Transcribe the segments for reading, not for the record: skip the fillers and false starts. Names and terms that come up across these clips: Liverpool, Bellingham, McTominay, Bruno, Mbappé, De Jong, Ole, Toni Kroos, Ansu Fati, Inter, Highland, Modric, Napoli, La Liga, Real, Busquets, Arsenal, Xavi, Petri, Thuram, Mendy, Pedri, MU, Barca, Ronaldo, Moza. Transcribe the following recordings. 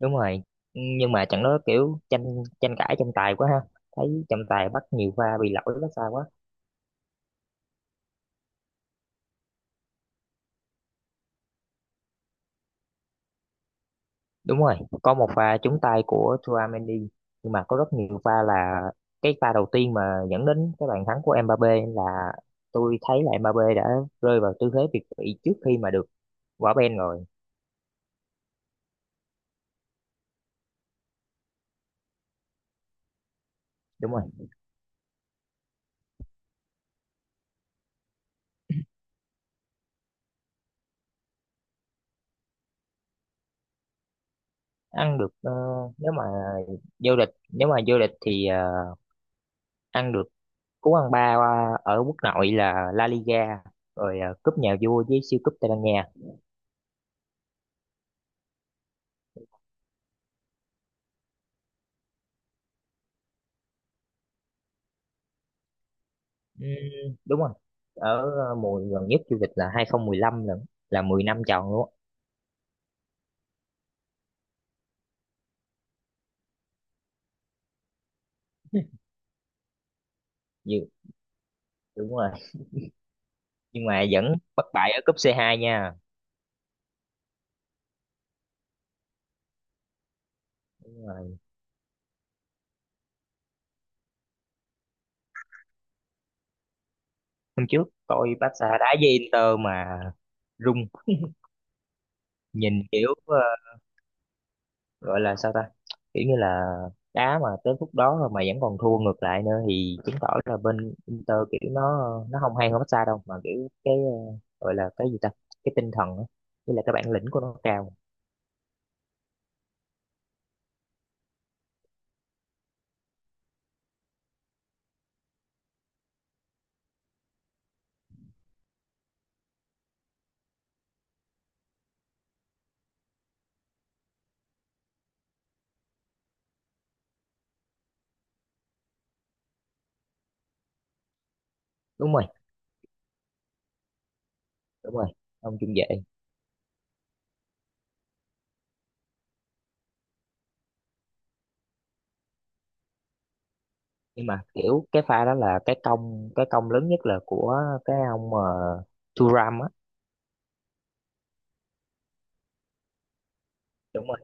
Đúng rồi, nhưng mà trận đó kiểu tranh tranh cãi tranh tài quá ha. Thấy trọng tài bắt nhiều pha bị lỗi đó sao quá. Đúng rồi, có một pha trúng tay của Mendy. Nhưng mà có rất nhiều pha là cái pha đầu tiên mà dẫn đến cái bàn thắng của Mbappé là tôi thấy là Mbappé đã rơi vào tư thế việt vị trước khi mà được quả bên rồi. Đúng rồi, ăn được, nếu mà vô địch nếu mà vô địch thì, ăn được cú ăn ba, ở quốc nội là La Liga rồi, cúp nhà vua với siêu cúp Tây Ban Nha. Ừ, đúng rồi. Ở, mùa gần nhất du lịch là 2015, lần là 10 năm tròn luôn á. Như- Đúng rồi, nhưng mà vẫn bất bại ở cúp C2 nha. Đúng rồi. Hôm trước tôi Barca đá với Inter mà rung nhìn kiểu, gọi là sao ta, kiểu như là đá mà tới phút đó rồi mà vẫn còn thua ngược lại nữa, thì chứng tỏ là bên Inter kiểu nó không hay hơn Barca đâu, mà kiểu cái, gọi là cái gì ta, cái tinh thần á với lại cái bản lĩnh của nó cao. Đúng rồi, đúng rồi, ông trung vệ. Nhưng mà kiểu cái pha đó là cái công, cái công lớn nhất là của cái ông, Thuram á. Đúng rồi,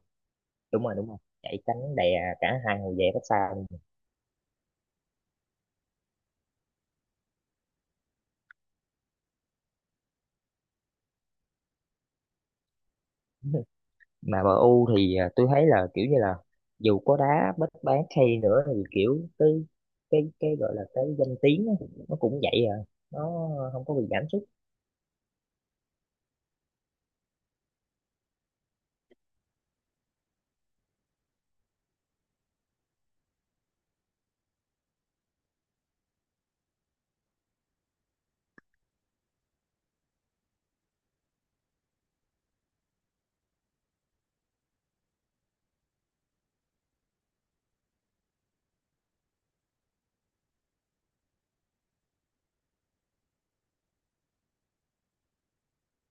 đúng rồi, đúng rồi, chạy tránh đè cả hai hậu vệ cách xa luôn. Mà MU thì à, tôi thấy là kiểu như là dù có đá bất bán hay nữa thì kiểu cái, cái gọi là cái danh tiếng á, nó cũng vậy à, nó không có bị giảm sút.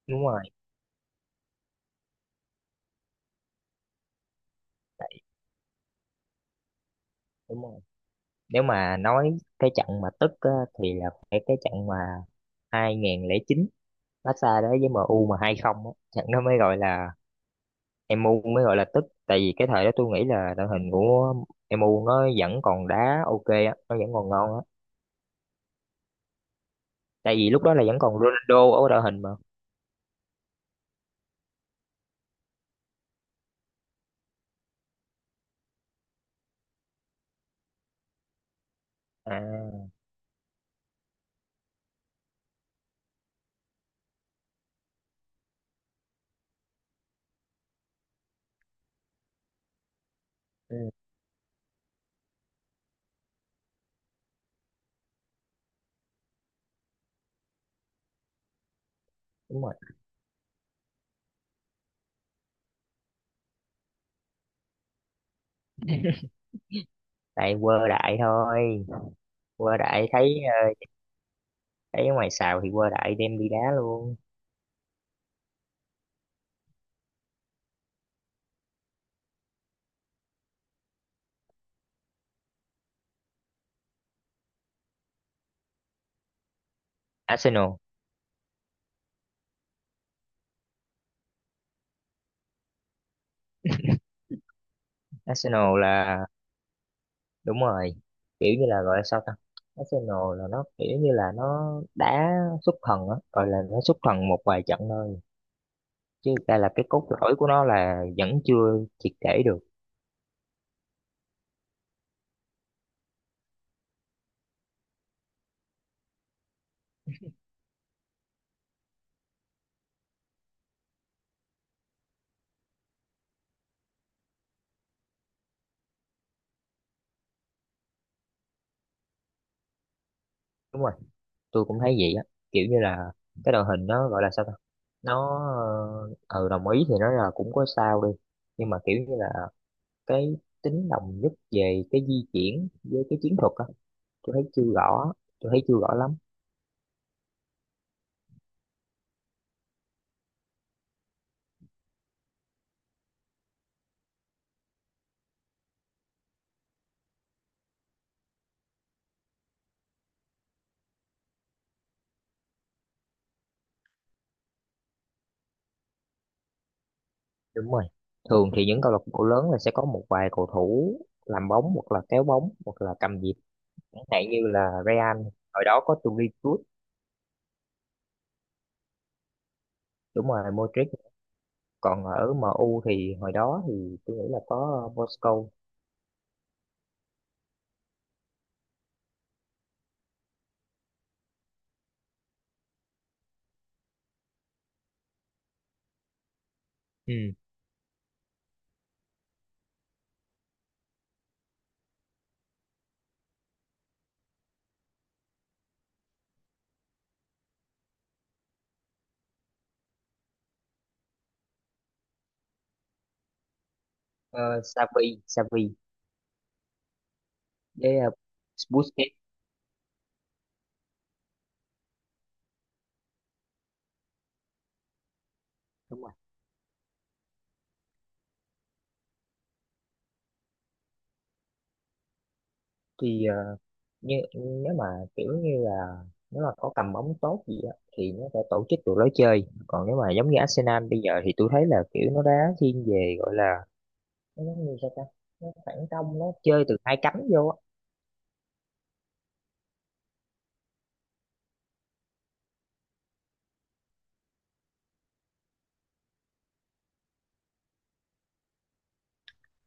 Đúng rồi. Tại, đúng rồi, nếu mà nói cái trận mà tức á, thì là phải cái trận mà 2009 Barca đấy với MU mà 2-0 á, trận nó mới gọi là, MU mới gọi là tức, tại vì cái thời đó tôi nghĩ là đội hình của MU nó vẫn còn đá ok á, nó vẫn còn ngon á. Tại vì lúc đó là vẫn còn Ronaldo ở đội hình mà. À, ừ, đúng rồi, tại quơ đại thôi. Quơ đại thấy, thấy ở ngoài xào thì quơ đại đem đi đá luôn. Arsenal. Arsenal là đúng rồi, kiểu như là gọi là sao ta, Arsenal là nó kiểu như là nó đá xuất thần á, gọi là nó xuất thần một vài trận thôi, chứ đây là cái cốt lõi của nó là vẫn chưa triệt để được. Đúng rồi, tôi cũng thấy vậy á, kiểu như là cái đội hình nó gọi là sao ta, nó, ờ ừ, đồng ý thì nó là cũng có sao đi, nhưng mà kiểu như là cái tính đồng nhất về cái di chuyển với cái chiến thuật á, tôi thấy chưa rõ tôi thấy chưa rõ lắm. Đúng rồi, thường thì những câu lạc bộ lớn là sẽ có một vài cầu thủ làm bóng hoặc là kéo bóng hoặc là cầm nhịp, chẳng hạn như là Real hồi đó có Toni Kroos. Đúng rồi, Modric. Còn ở MU thì hồi đó thì tôi nghĩ là có, Moscow. Ừ. Xavi. Xavi với, Busquets. Đúng rồi, thì, nếu mà kiểu như là nếu mà có cầm bóng tốt gì á thì nó sẽ tổ chức được lối chơi, còn nếu mà giống như Arsenal bây giờ thì tôi thấy là kiểu nó đá thiên về gọi là, nó giống như sao ta, nó phản công, nó chơi từ hai cánh vô á.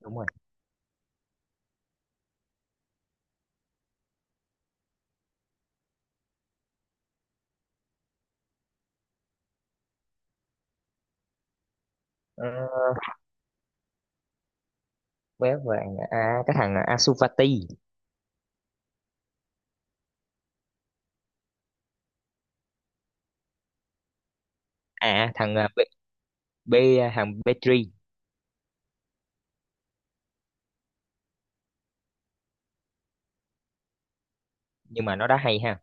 Đúng rồi. Ờ, bé vàng à, cái thằng Ansu Fati. À, thằng, ờ, B, B ờ, thằng Petri. Nhưng mà nó đá hay ha.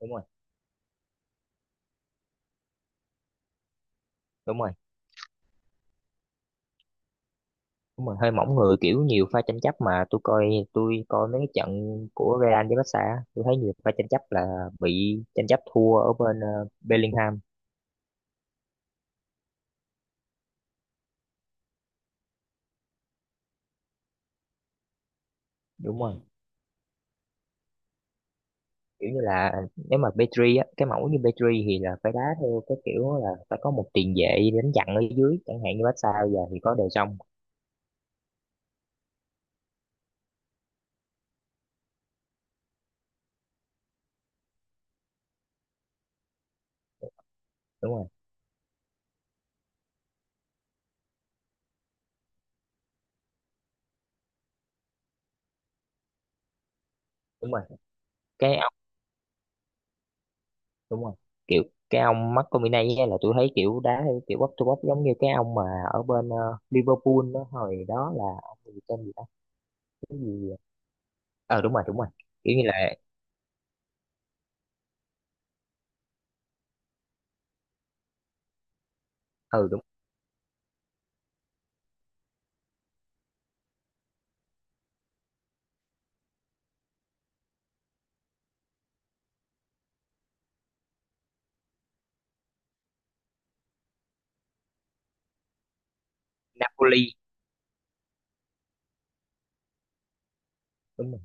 Đúng rồi. Đúng rồi, đúng rồi, hơi mỏng người, kiểu nhiều pha tranh chấp mà tôi coi mấy cái trận của Real với Barca á, tôi thấy nhiều pha tranh chấp là bị tranh chấp thua ở bên, Bellingham. Đúng rồi, kiểu như là nếu mà Pedri á, cái mẫu như Pedri thì là phải đá theo cái kiểu là phải có một tiền vệ đánh chặn ở dưới, chẳng hạn như Barca bây giờ thì có De Jong. Đúng rồi, đúng rồi, cái ông, đúng rồi, kiểu cái ông McTominay á là tôi thấy kiểu đá theo kiểu bóc to bóc giống như cái ông mà ở bên, Liverpool đó, hồi đó là ông gì, tên gì đó. Cái gì, ờ đúng rồi, đúng rồi, kiểu như là ừ đúng. Napoli. Đúng rồi,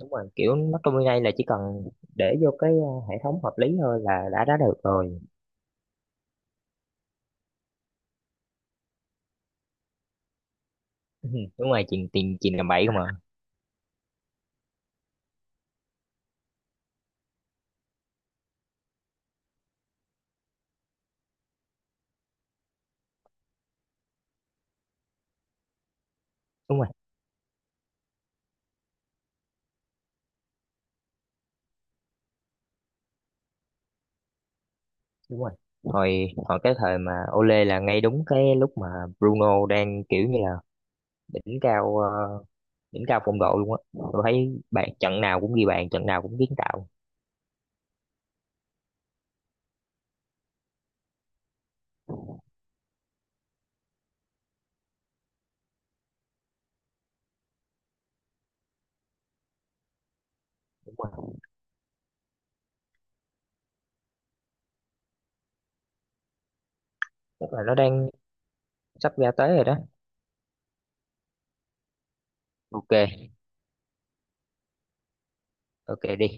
đúng rồi, kiểu nó trong này là chỉ cần để vô cái, hệ thống hợp lý thôi là đã đá được rồi. Ừ, đúng rồi, chuyền tiền chuyền làm bậy không à. Đúng rồi, đúng rồi, hồi hồi cái thời mà Ole là ngay đúng cái lúc mà Bruno đang kiểu như là đỉnh cao, đỉnh cao phong độ luôn á, tôi thấy bạn trận nào cũng ghi bàn, trận nào cũng kiến tạo. Đúng rồi, tức là nó đang sắp ra tới rồi đó. OK. OK, đi.